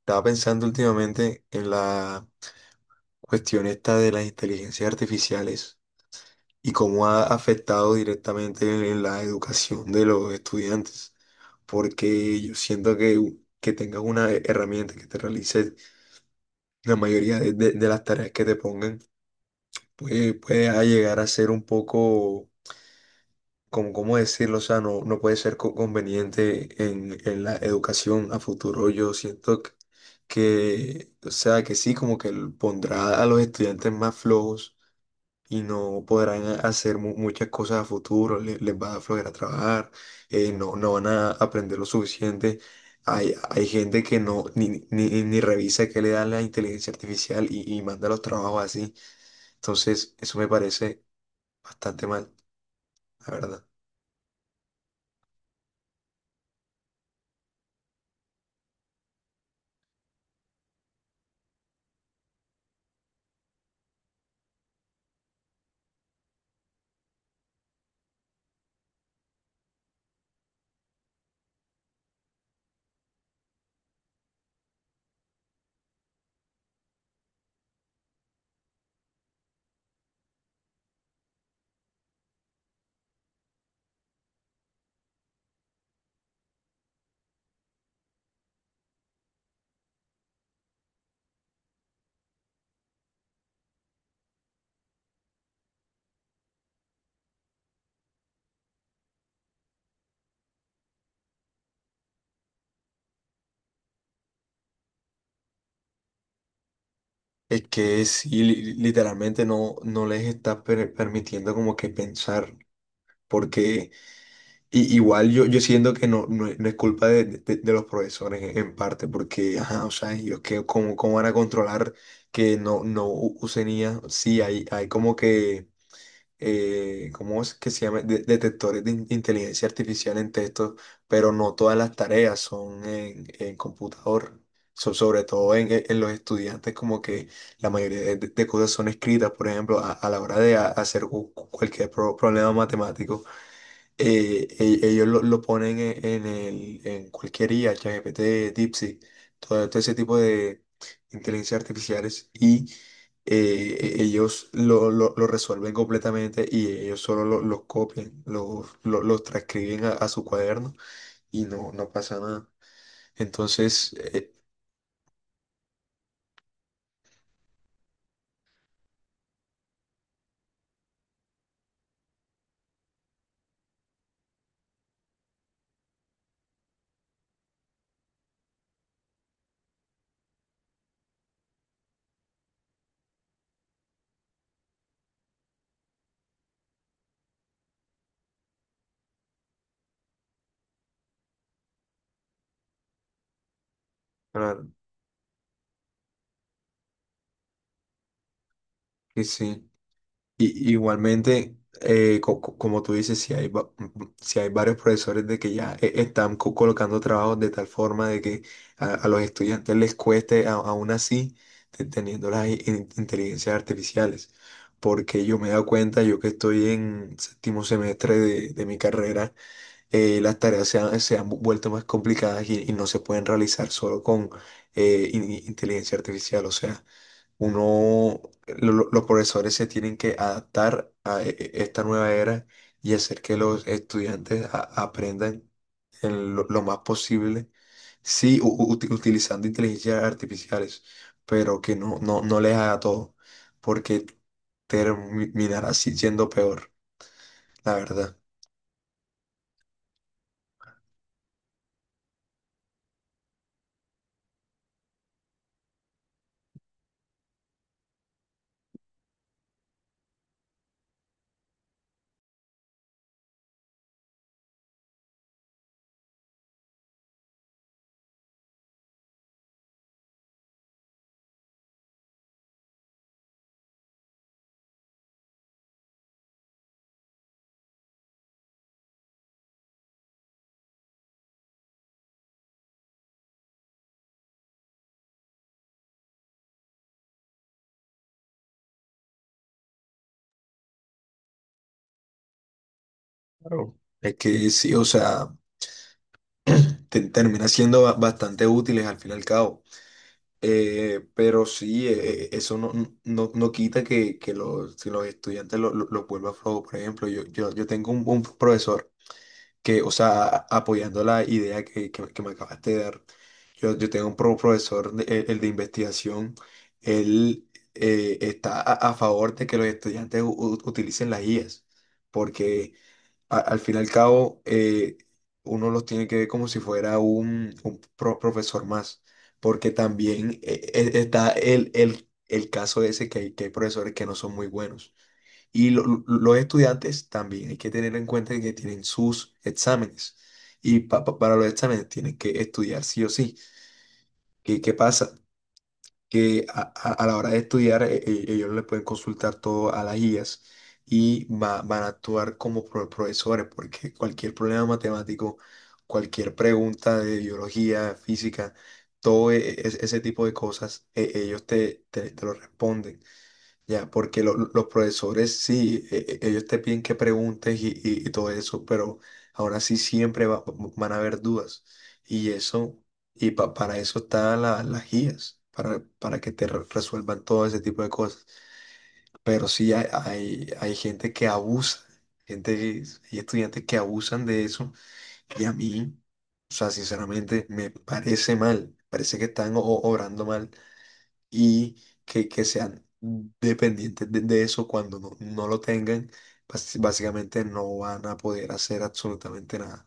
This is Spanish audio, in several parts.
Estaba pensando últimamente en la cuestión esta de las inteligencias artificiales y cómo ha afectado directamente en la educación de los estudiantes, porque yo siento que que tengas una herramienta que te realice la mayoría de de las tareas que te pongan, puede a llegar a ser un poco como cómo decirlo, o sea, no puede ser conveniente en la educación a futuro. Yo siento o sea, que sí, como que pondrá a los estudiantes más flojos y no podrán hacer muchas cosas a futuro, les va a flojera trabajar, no van a aprender lo suficiente. Hay gente que no ni revisa qué le da la inteligencia artificial y manda los trabajos así. Entonces, eso me parece bastante mal, la verdad. Es que sí, literalmente no les está permitiendo como que pensar, porque igual yo siento que es no es culpa de de los profesores en parte, porque, ajá, o sea, ellos que cómo van a controlar que no usen IA, sí, hay como que ¿cómo es que se llama? Detectores de inteligencia artificial en texto, pero no todas las tareas son en computador. Sobre todo en en los estudiantes, como que la mayoría de cosas son escritas, por ejemplo, a la hora de hacer cualquier problema matemático ellos lo ponen en cualquier IA, ChatGPT, DeepSeek, todo ese tipo de inteligencias artificiales y ellos lo lo resuelven completamente y ellos solo los copian, los los transcriben a su cuaderno y no pasa nada. Entonces, claro que sí. Y igualmente, como tú dices, si hay varios profesores de que ya están colocando trabajos de tal forma de que a los estudiantes les cueste, aún así, teniendo las inteligencias artificiales. Porque yo me he dado cuenta, yo que estoy en séptimo semestre de mi carrera, las tareas se han vuelto más complicadas y no se pueden realizar solo con inteligencia artificial. O sea, uno, los profesores se tienen que adaptar a esta nueva era y hacer que los estudiantes aprendan en lo más posible, sí, utilizando inteligencias artificiales, pero que no les haga todo, porque terminará así siendo peor, la verdad. Claro. Es que sí, o sea, termina siendo bastante útiles al fin y al cabo. Pero sí, eso no quita que los estudiantes los vuelva flojo. Por ejemplo, yo tengo un profesor que, o sea, apoyando la idea que me acabaste de dar, yo tengo un profesor, el de investigación, él está a favor de que los estudiantes utilicen las IAs, porque al fin y al cabo, uno los tiene que ver como si fuera un profesor más, porque también está el caso ese que que hay profesores que no son muy buenos. Y los estudiantes también hay que tener en cuenta que tienen sus exámenes. Y para los exámenes tienen que estudiar sí o sí. ¿Qué pasa? Que a la hora de estudiar ellos le pueden consultar todo a las guías y van a actuar como profesores, porque cualquier problema matemático, cualquier pregunta de biología, física, todo ese tipo de cosas, ellos te lo responden. Ya, porque los profesores sí, ellos te piden que preguntes y todo eso, pero ahora sí van a haber dudas. Y eso, y para eso están las guías, para que te resuelvan todo ese tipo de cosas. Pero sí hay gente que abusa, gente, que- hay estudiantes que abusan de eso. Y a mí, o sea, sinceramente, me parece mal, parece que están obrando mal y que sean dependientes de eso cuando no lo tengan, básicamente no van a poder hacer absolutamente nada.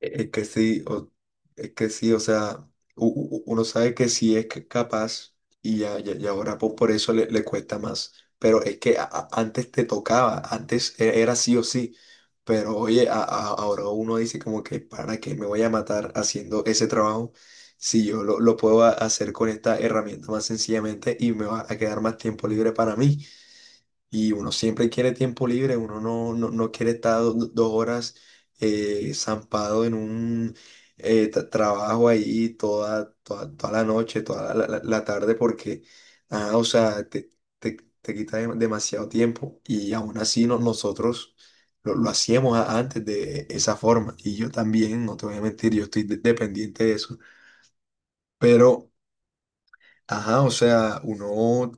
Es que sí, o, es que sí, o sea, uno sabe que sí es capaz y ahora por eso le cuesta más. Pero es que antes te tocaba, antes era sí o sí. Pero oye, ahora uno dice como que para qué me voy a matar haciendo ese trabajo si yo lo puedo hacer con esta herramienta más sencillamente y me va a quedar más tiempo libre para mí y uno siempre quiere tiempo libre, uno no quiere estar dos horas zampado en un trabajo ahí toda la noche, toda la tarde, porque, ah, o sea, te quita demasiado tiempo y aún así nosotros lo hacíamos antes de esa forma y yo también, no te voy a mentir, yo estoy dependiente de eso, pero, ajá, o sea, uno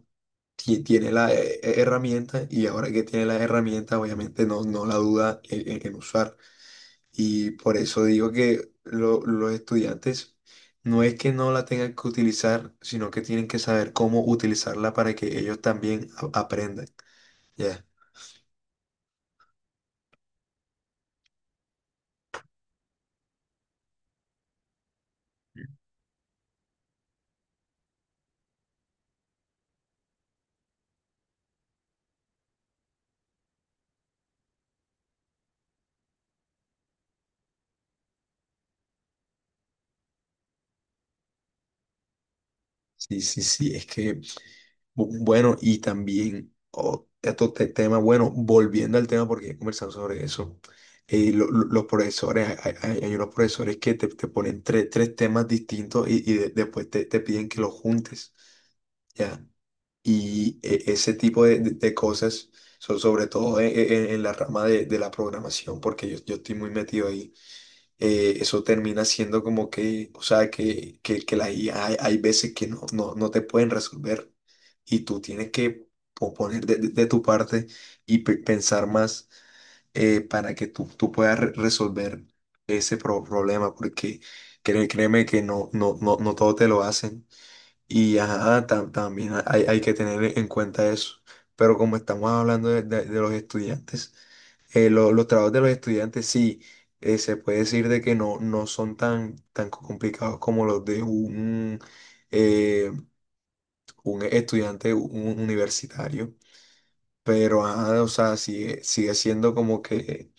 tiene la herramienta y ahora que tiene la herramienta, obviamente no la duda en en usar. Y por eso digo que los estudiantes no es que no la tengan que utilizar, sino que tienen que saber cómo utilizarla para que ellos también aprendan. ¿Ya? Sí, sí, sí, es que, bueno, y también otro tema, bueno, volviendo al tema, porque he conversado sobre eso, los profesores, hay unos profesores que te ponen tres temas distintos después te piden que los juntes, ¿ya? Y ese tipo de cosas son sobre todo en la rama de la programación, porque yo estoy muy metido ahí eso termina siendo como que, o sea, que la IA hay veces que no te pueden resolver y tú tienes que poner de tu parte y pensar más para que tú puedas resolver ese problema, porque créeme que no todo te lo hacen y ajá, también hay que tener en cuenta eso. Pero como estamos hablando de de los estudiantes, los trabajos de los estudiantes sí, se puede decir de que no, no tan complicados como los de un eh, un estudiante universitario, pero ajá, o sea, sigue siendo como que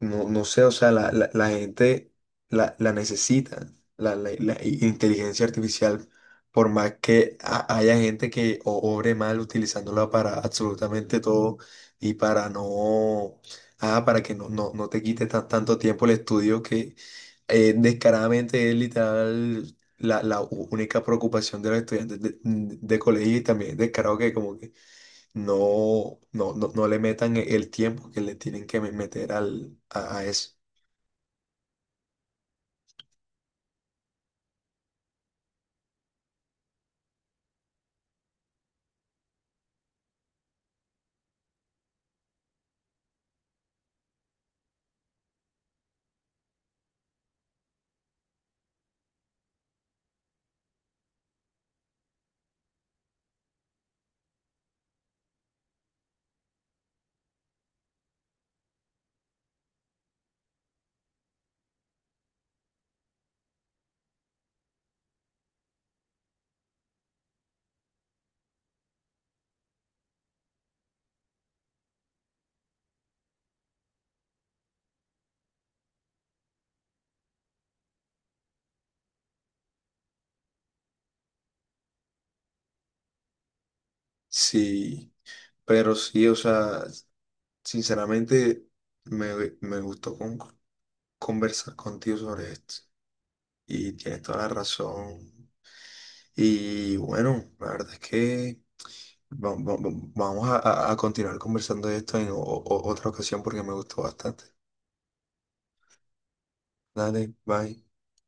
no, no sé, o sea, la gente la necesita, la inteligencia artificial, por más que haya gente que obre mal utilizándola para absolutamente todo y para no, ah, para que no te quite tanto tiempo el estudio que descaradamente es literal la única preocupación de los estudiantes de colegio y también es descarado que como que no le metan el tiempo que le tienen que meter a eso. Sí, pero sí, o sea, sinceramente me, me gustó conversar contigo sobre esto y tienes toda la razón. Y bueno, la verdad es que vamos a continuar conversando de esto en otra ocasión porque me gustó bastante. Dale, bye.